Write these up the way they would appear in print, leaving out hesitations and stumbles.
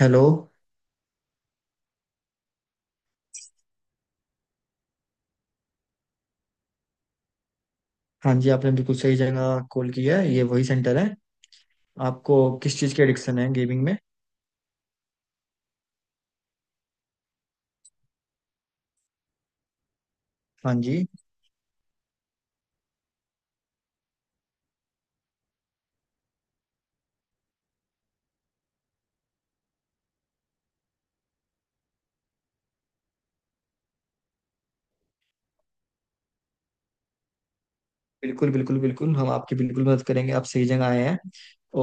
Hello. हाँ जी, आपने बिल्कुल सही जगह कॉल किया है। ये वही सेंटर है। आपको किस चीज़ की एडिक्शन है गेमिंग में? हाँ जी। बिल्कुल बिल्कुल बिल्कुल, हम आपकी बिल्कुल मदद करेंगे। आप सही जगह आए हैं।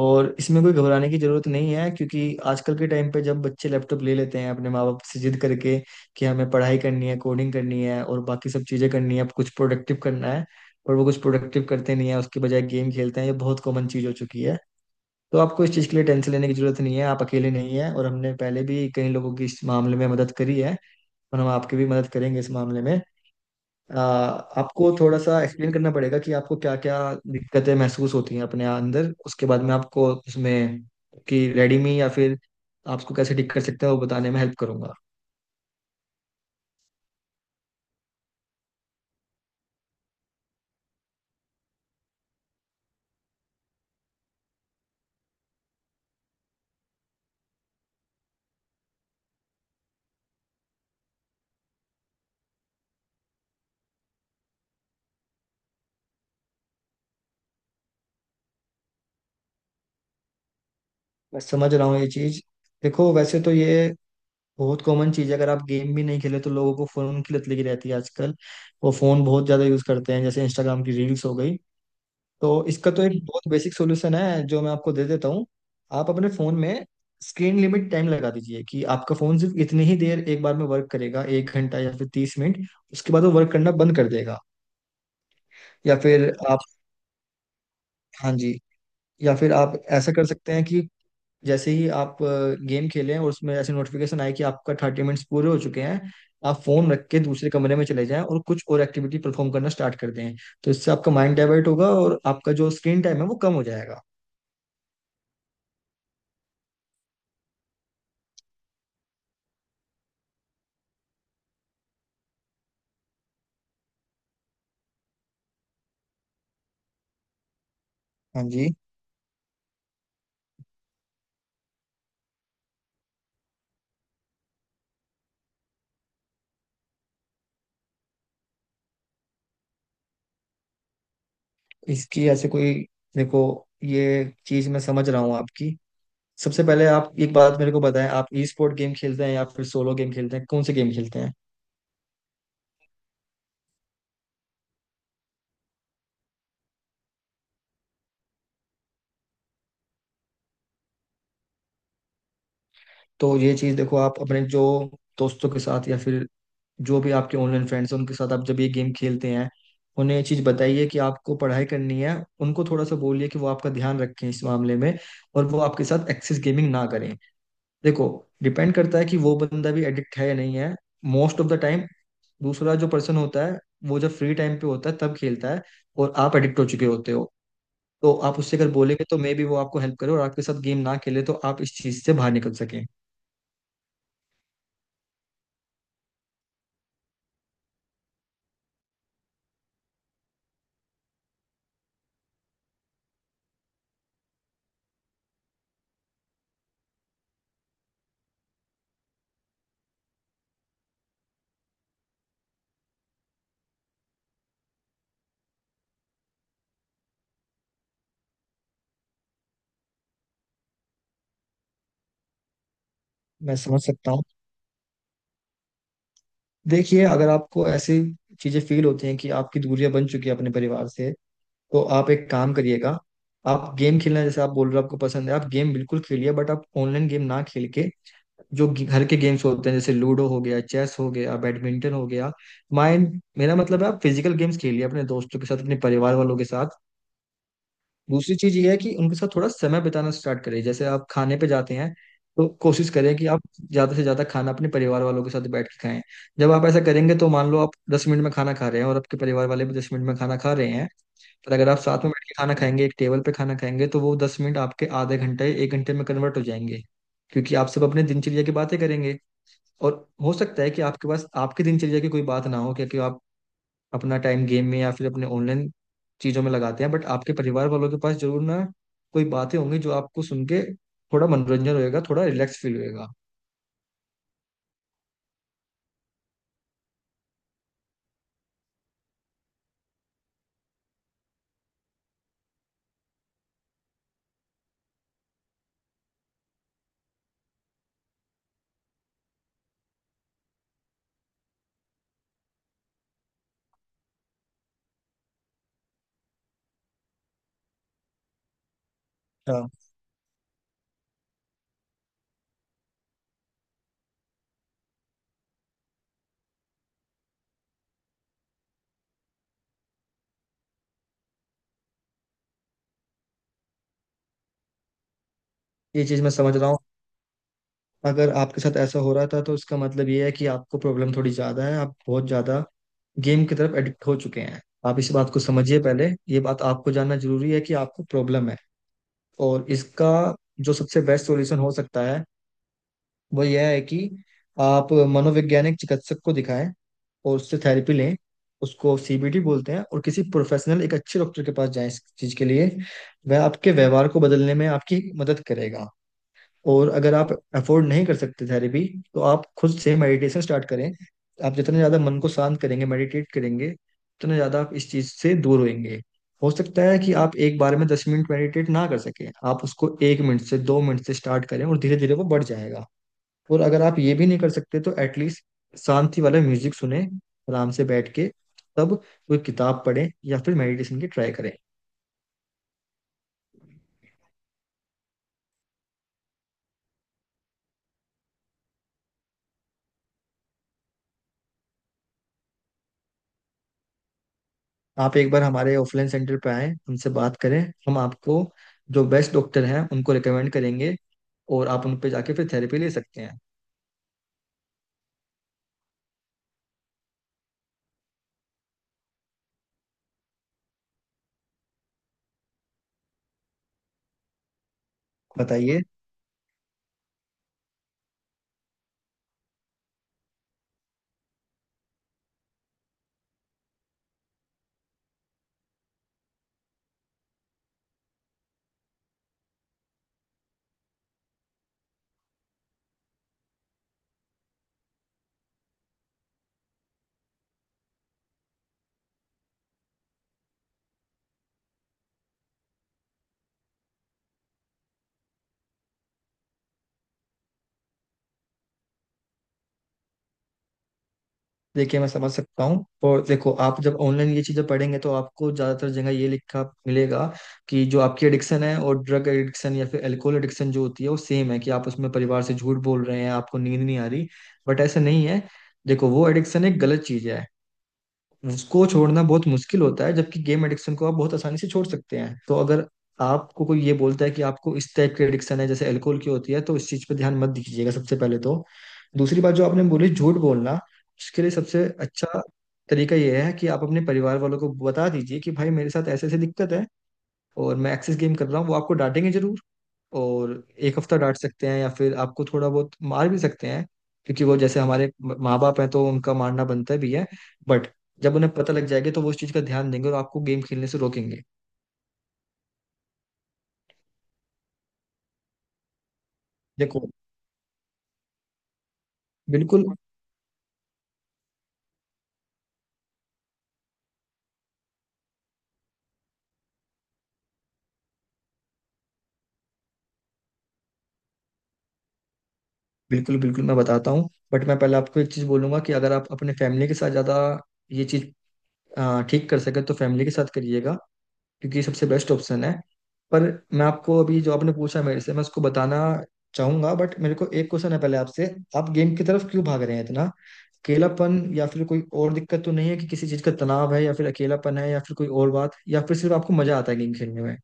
और इसमें कोई घबराने की जरूरत नहीं है क्योंकि आजकल के टाइम पे जब बच्चे लैपटॉप ले लेते हैं अपने माँ बाप से जिद करके कि हमें पढ़ाई करनी है, कोडिंग करनी है और बाकी सब चीज़ें करनी है, अब कुछ प्रोडक्टिव करना है। और वो कुछ प्रोडक्टिव करते नहीं है, उसके बजाय गेम खेलते हैं। ये बहुत कॉमन चीज़ हो चुकी है। तो आपको इस चीज़ के लिए टेंशन लेने की जरूरत नहीं है। आप अकेले नहीं हैं और हमने पहले भी कई लोगों की इस मामले में मदद करी है। और हम आपकी भी मदद करेंगे इस मामले में। आपको थोड़ा सा एक्सप्लेन करना पड़ेगा कि आपको क्या क्या दिक्कतें महसूस होती हैं अपने अंदर। उसके बाद में आपको उसमें कि रेडीमी या फिर आपको कैसे ठीक कर सकते हैं वो बताने में हेल्प करूंगा। मैं समझ रहा हूँ ये चीज़। देखो, वैसे तो ये बहुत कॉमन चीज़ है। अगर आप गेम भी नहीं खेले तो लोगों को फोन की लत लगी रहती है आजकल। वो फोन बहुत ज्यादा यूज करते हैं, जैसे इंस्टाग्राम की रील्स हो गई। तो इसका तो एक बहुत बेसिक सोल्यूशन है जो मैं आपको दे देता हूँ। आप अपने फोन में स्क्रीन लिमिट टाइम लगा दीजिए कि आपका फोन सिर्फ इतनी ही देर एक बार में वर्क करेगा, एक घंटा या फिर 30 मिनट। उसके बाद वो वर्क करना बंद कर देगा। या फिर आप हाँ जी। या फिर आप ऐसा कर सकते हैं कि जैसे ही आप गेम खेलें और उसमें ऐसे नोटिफिकेशन आए कि आपका 30 मिनट्स पूरे हो चुके हैं, आप फोन रख के दूसरे कमरे में चले जाएं और कुछ और एक्टिविटी परफॉर्म करना स्टार्ट कर दें। तो इससे आपका माइंड डाइवर्ट होगा और आपका जो स्क्रीन टाइम है वो कम हो जाएगा। हाँ जी। इसकी ऐसे कोई देखो, ये चीज मैं समझ रहा हूँ आपकी। सबसे पहले आप एक बात मेरे को बताएं, आप ई स्पोर्ट गेम खेलते हैं या फिर सोलो गेम खेलते हैं? कौन से गेम खेलते हैं? तो ये चीज देखो, आप अपने जो दोस्तों के साथ या फिर जो भी आपके ऑनलाइन फ्रेंड्स हैं उनके साथ आप जब ये गेम खेलते हैं, उन्हें ये चीज बताइए कि आपको पढ़ाई करनी है। उनको थोड़ा सा बोलिए कि वो आपका ध्यान रखें इस मामले में और वो आपके साथ एक्सेस गेमिंग ना करें। देखो, डिपेंड करता है कि वो बंदा भी एडिक्ट है या नहीं है। मोस्ट ऑफ द टाइम दूसरा जो पर्सन होता है वो जब फ्री टाइम पे होता है तब खेलता है, और आप एडिक्ट हो चुके होते हो। तो आप उससे अगर बोलेंगे तो मे बी वो आपको हेल्प करे और आपके साथ गेम ना खेले, तो आप इस चीज से बाहर निकल सकें। मैं समझ सकता हूँ। देखिए, अगर आपको ऐसी चीजें फील होती हैं कि आपकी दूरियां बन चुकी है अपने परिवार से, तो आप एक काम करिएगा। आप गेम खेलना, जैसे आप बोल रहे हो आपको पसंद है, आप गेम बिल्कुल खेलिए, बट आप ऑनलाइन गेम ना खेल के जो घर के गेम्स होते हैं, जैसे लूडो हो गया, चेस हो गया, बैडमिंटन हो गया। माइंड, मेरा मतलब है आप फिजिकल गेम्स खेलिए अपने दोस्तों के साथ, अपने परिवार वालों के साथ। दूसरी चीज ये है कि उनके साथ थोड़ा समय बिताना स्टार्ट करें। जैसे आप खाने पे जाते हैं, तो कोशिश करें कि आप ज्यादा से ज्यादा खाना अपने परिवार वालों के साथ बैठ के खाएं। जब आप ऐसा करेंगे तो मान लो आप 10 मिनट में खाना खा रहे हैं और आपके परिवार वाले भी 10 मिनट में खाना खा रहे हैं, पर अगर आप साथ में बैठ के खाना खाएंगे, एक टेबल पे खाना खाएंगे, तो वो 10 मिनट आपके आधे घंटे, एक घंटे में कन्वर्ट हो जाएंगे। क्योंकि आप सब अपने दिनचर्या की बातें करेंगे। और हो सकता है कि आपके पास आपकी दिनचर्या की कोई बात ना हो क्योंकि आप अपना टाइम गेम में या फिर अपने ऑनलाइन चीजों में लगाते हैं, बट आपके परिवार वालों के पास जरूर ना कोई बातें होंगी जो आपको सुन के थोड़ा मनोरंजन होएगा, थोड़ा रिलैक्स फील होएगा। हाँ, ये चीज मैं समझ रहा हूँ। अगर आपके साथ ऐसा हो रहा था तो इसका मतलब ये है कि आपको प्रॉब्लम थोड़ी ज्यादा है। आप बहुत ज्यादा गेम की तरफ एडिक्ट हो चुके हैं। आप इस बात को समझिए पहले, ये बात आपको जानना जरूरी है कि आपको प्रॉब्लम है। और इसका जो सबसे बेस्ट सॉल्यूशन हो सकता है वो यह है कि आप मनोवैज्ञानिक चिकित्सक को दिखाएं और उससे थेरेपी लें। उसको सीबीटी बोलते हैं। और किसी प्रोफेशनल, एक अच्छे डॉक्टर के पास जाएं इस चीज के लिए। वह आपके व्यवहार को बदलने में आपकी मदद करेगा। और अगर आप अफोर्ड नहीं कर सकते थेरेपी, तो आप खुद से मेडिटेशन स्टार्ट करें। आप जितने ज्यादा मन को शांत करेंगे, मेडिटेट करेंगे, उतने ज्यादा आप इस चीज से दूर होंगे। हो सकता है कि आप एक बार में 10 मिनट मेडिटेट ना कर सकें, आप उसको एक मिनट से, 2 मिनट से स्टार्ट करें और धीरे धीरे वो बढ़ जाएगा। और अगर आप ये भी नहीं कर सकते तो एटलीस्ट शांति वाला म्यूजिक सुने आराम से बैठ के। तब कोई किताब पढ़ें या फिर मेडिटेशन की ट्राई करें। आप एक बार हमारे ऑफलाइन सेंटर पे आएं, उनसे बात करें। हम आपको जो बेस्ट डॉक्टर हैं उनको रिकमेंड करेंगे और आप उन पे जाके फिर थेरेपी ले सकते हैं। बताइए। देखिए, मैं समझ सकता हूँ। और देखो, आप जब ऑनलाइन ये चीज़ें पढ़ेंगे तो आपको ज़्यादातर जगह ये लिखा मिलेगा कि जो आपकी एडिक्शन है और ड्रग एडिक्शन या फिर एल्कोहल एडिक्शन जो होती है वो सेम है, कि आप उसमें परिवार से झूठ बोल रहे हैं, आपको नींद नहीं आ रही, बट ऐसा नहीं है। देखो, वो एडिक्शन एक गलत चीज़ है। उसको छोड़ना बहुत मुश्किल होता है, जबकि गेम एडिक्शन को आप बहुत आसानी से छोड़ सकते हैं। तो अगर आपको कोई ये बोलता है कि आपको इस टाइप की एडिक्शन है जैसे अल्कोहल की होती है, तो इस चीज पे ध्यान मत दीजिएगा सबसे पहले तो। दूसरी बात जो आपने बोली, झूठ बोलना, उसके लिए सबसे अच्छा तरीका यह है कि आप अपने परिवार वालों को बता दीजिए कि भाई, मेरे साथ ऐसे ऐसे दिक्कत है और मैं एक्सेस गेम कर रहा हूँ। वो आपको डांटेंगे जरूर। और एक हफ्ता डांट सकते हैं या फिर आपको थोड़ा बहुत मार भी सकते हैं, क्योंकि वो जैसे हमारे माँ बाप हैं, तो उनका मारना बनता भी है। बट जब उन्हें पता लग जाएगा तो वो उस चीज का ध्यान देंगे और आपको गेम खेलने से रोकेंगे। देखो, बिल्कुल बिल्कुल बिल्कुल, मैं बताता हूँ। बट मैं पहले आपको एक चीज बोलूंगा कि अगर आप अपने फैमिली के साथ ज्यादा ये चीज ठीक कर सके तो फैमिली के साथ करिएगा, क्योंकि ये सबसे बेस्ट ऑप्शन है। पर मैं आपको अभी जो आपने पूछा मेरे से मैं उसको बताना चाहूंगा। बट मेरे को एक क्वेश्चन है पहले आपसे। आप गेम की तरफ क्यों भाग रहे हैं इतना? अकेलापन या फिर कोई और दिक्कत तो नहीं है, कि किसी चीज का तनाव है या फिर अकेलापन है या फिर कोई और बात, या फिर सिर्फ आपको मजा आता है गेम खेलने में?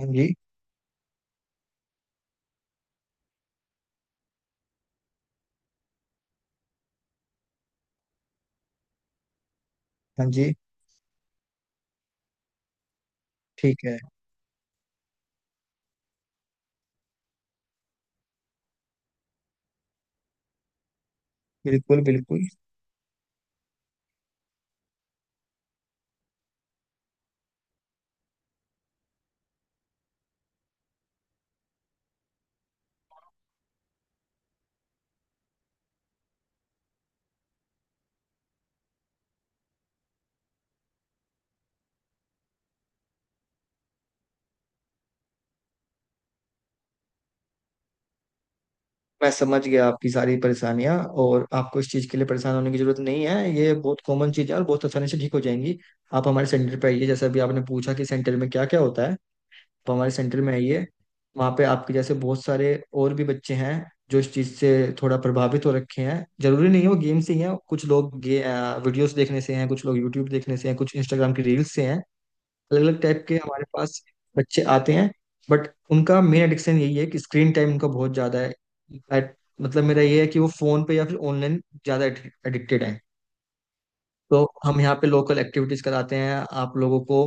हाँ जी। हाँ जी। ठीक है। बिल्कुल बिल्कुल। मैं समझ गया आपकी सारी परेशानियां। और आपको इस चीज के लिए परेशान होने की जरूरत नहीं है। ये बहुत कॉमन चीज है और बहुत आसानी से ठीक हो जाएंगी। आप हमारे सेंटर पे आइए। जैसा अभी आपने पूछा कि सेंटर में क्या क्या होता है, तो हमारे सेंटर में है ये, वहाँ पे आपके जैसे बहुत सारे और भी बच्चे हैं जो इस चीज़ से थोड़ा प्रभावित हो रखे हैं। जरूरी नहीं है वो गेम से ही हैं, कुछ लोग गे वीडियोस देखने से हैं, कुछ लोग यूट्यूब देखने से हैं, कुछ इंस्टाग्राम की रील्स से हैं। अलग अलग टाइप के हमारे पास बच्चे आते हैं। बट उनका मेन एडिक्शन यही है कि स्क्रीन टाइम उनका बहुत ज़्यादा है। At- मतलब मेरा ये है कि वो फ़ोन पे या फिर ऑनलाइन ज़्यादा एडिक्टेड है। तो हम यहाँ पे लोकल एक्टिविटीज कराते हैं। आप लोगों को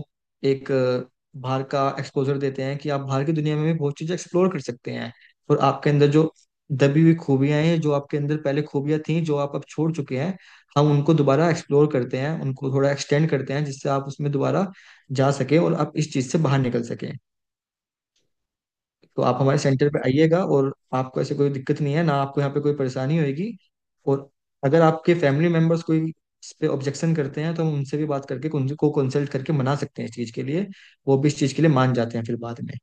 एक बाहर का एक्सपोजर देते हैं कि आप बाहर की दुनिया में भी बहुत चीजें एक्सप्लोर कर सकते हैं। और आपके अंदर जो दबी हुई खूबियां हैं, जो आपके अंदर पहले खूबियां थी जो आप अब छोड़ चुके हैं, हम उनको दोबारा एक्सप्लोर करते हैं, उनको थोड़ा एक्सटेंड करते हैं, जिससे आप उसमें दोबारा जा सके और आप इस चीज से बाहर निकल सके। तो आप हमारे सेंटर पे आइएगा और आपको ऐसे कोई दिक्कत नहीं है ना, आपको यहाँ पे कोई परेशानी होगी। और अगर आपके फैमिली मेम्बर्स कोई इस पे ऑब्जेक्शन करते हैं तो हम उनसे भी बात करके उनको कंसल्ट करके मना सकते हैं इस चीज़ के लिए। वो भी इस चीज़ के लिए मान जाते हैं फिर बाद में।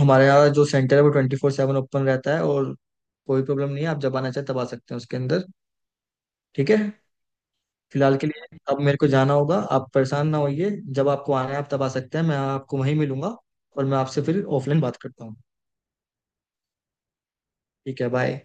हमारे यहाँ जो सेंटर है वो 24/7 ओपन रहता है और कोई प्रॉब्लम नहीं है। आप जब आना चाहे तब आ सकते हैं उसके अंदर। ठीक है। फिलहाल के लिए अब मेरे को जाना होगा। आप परेशान ना होइए। जब आपको आना है आप तब आ सकते हैं, मैं आपको वहीं मिलूंगा। और मैं आपसे फिर ऑफलाइन बात करता हूँ। ठीक है, बाय।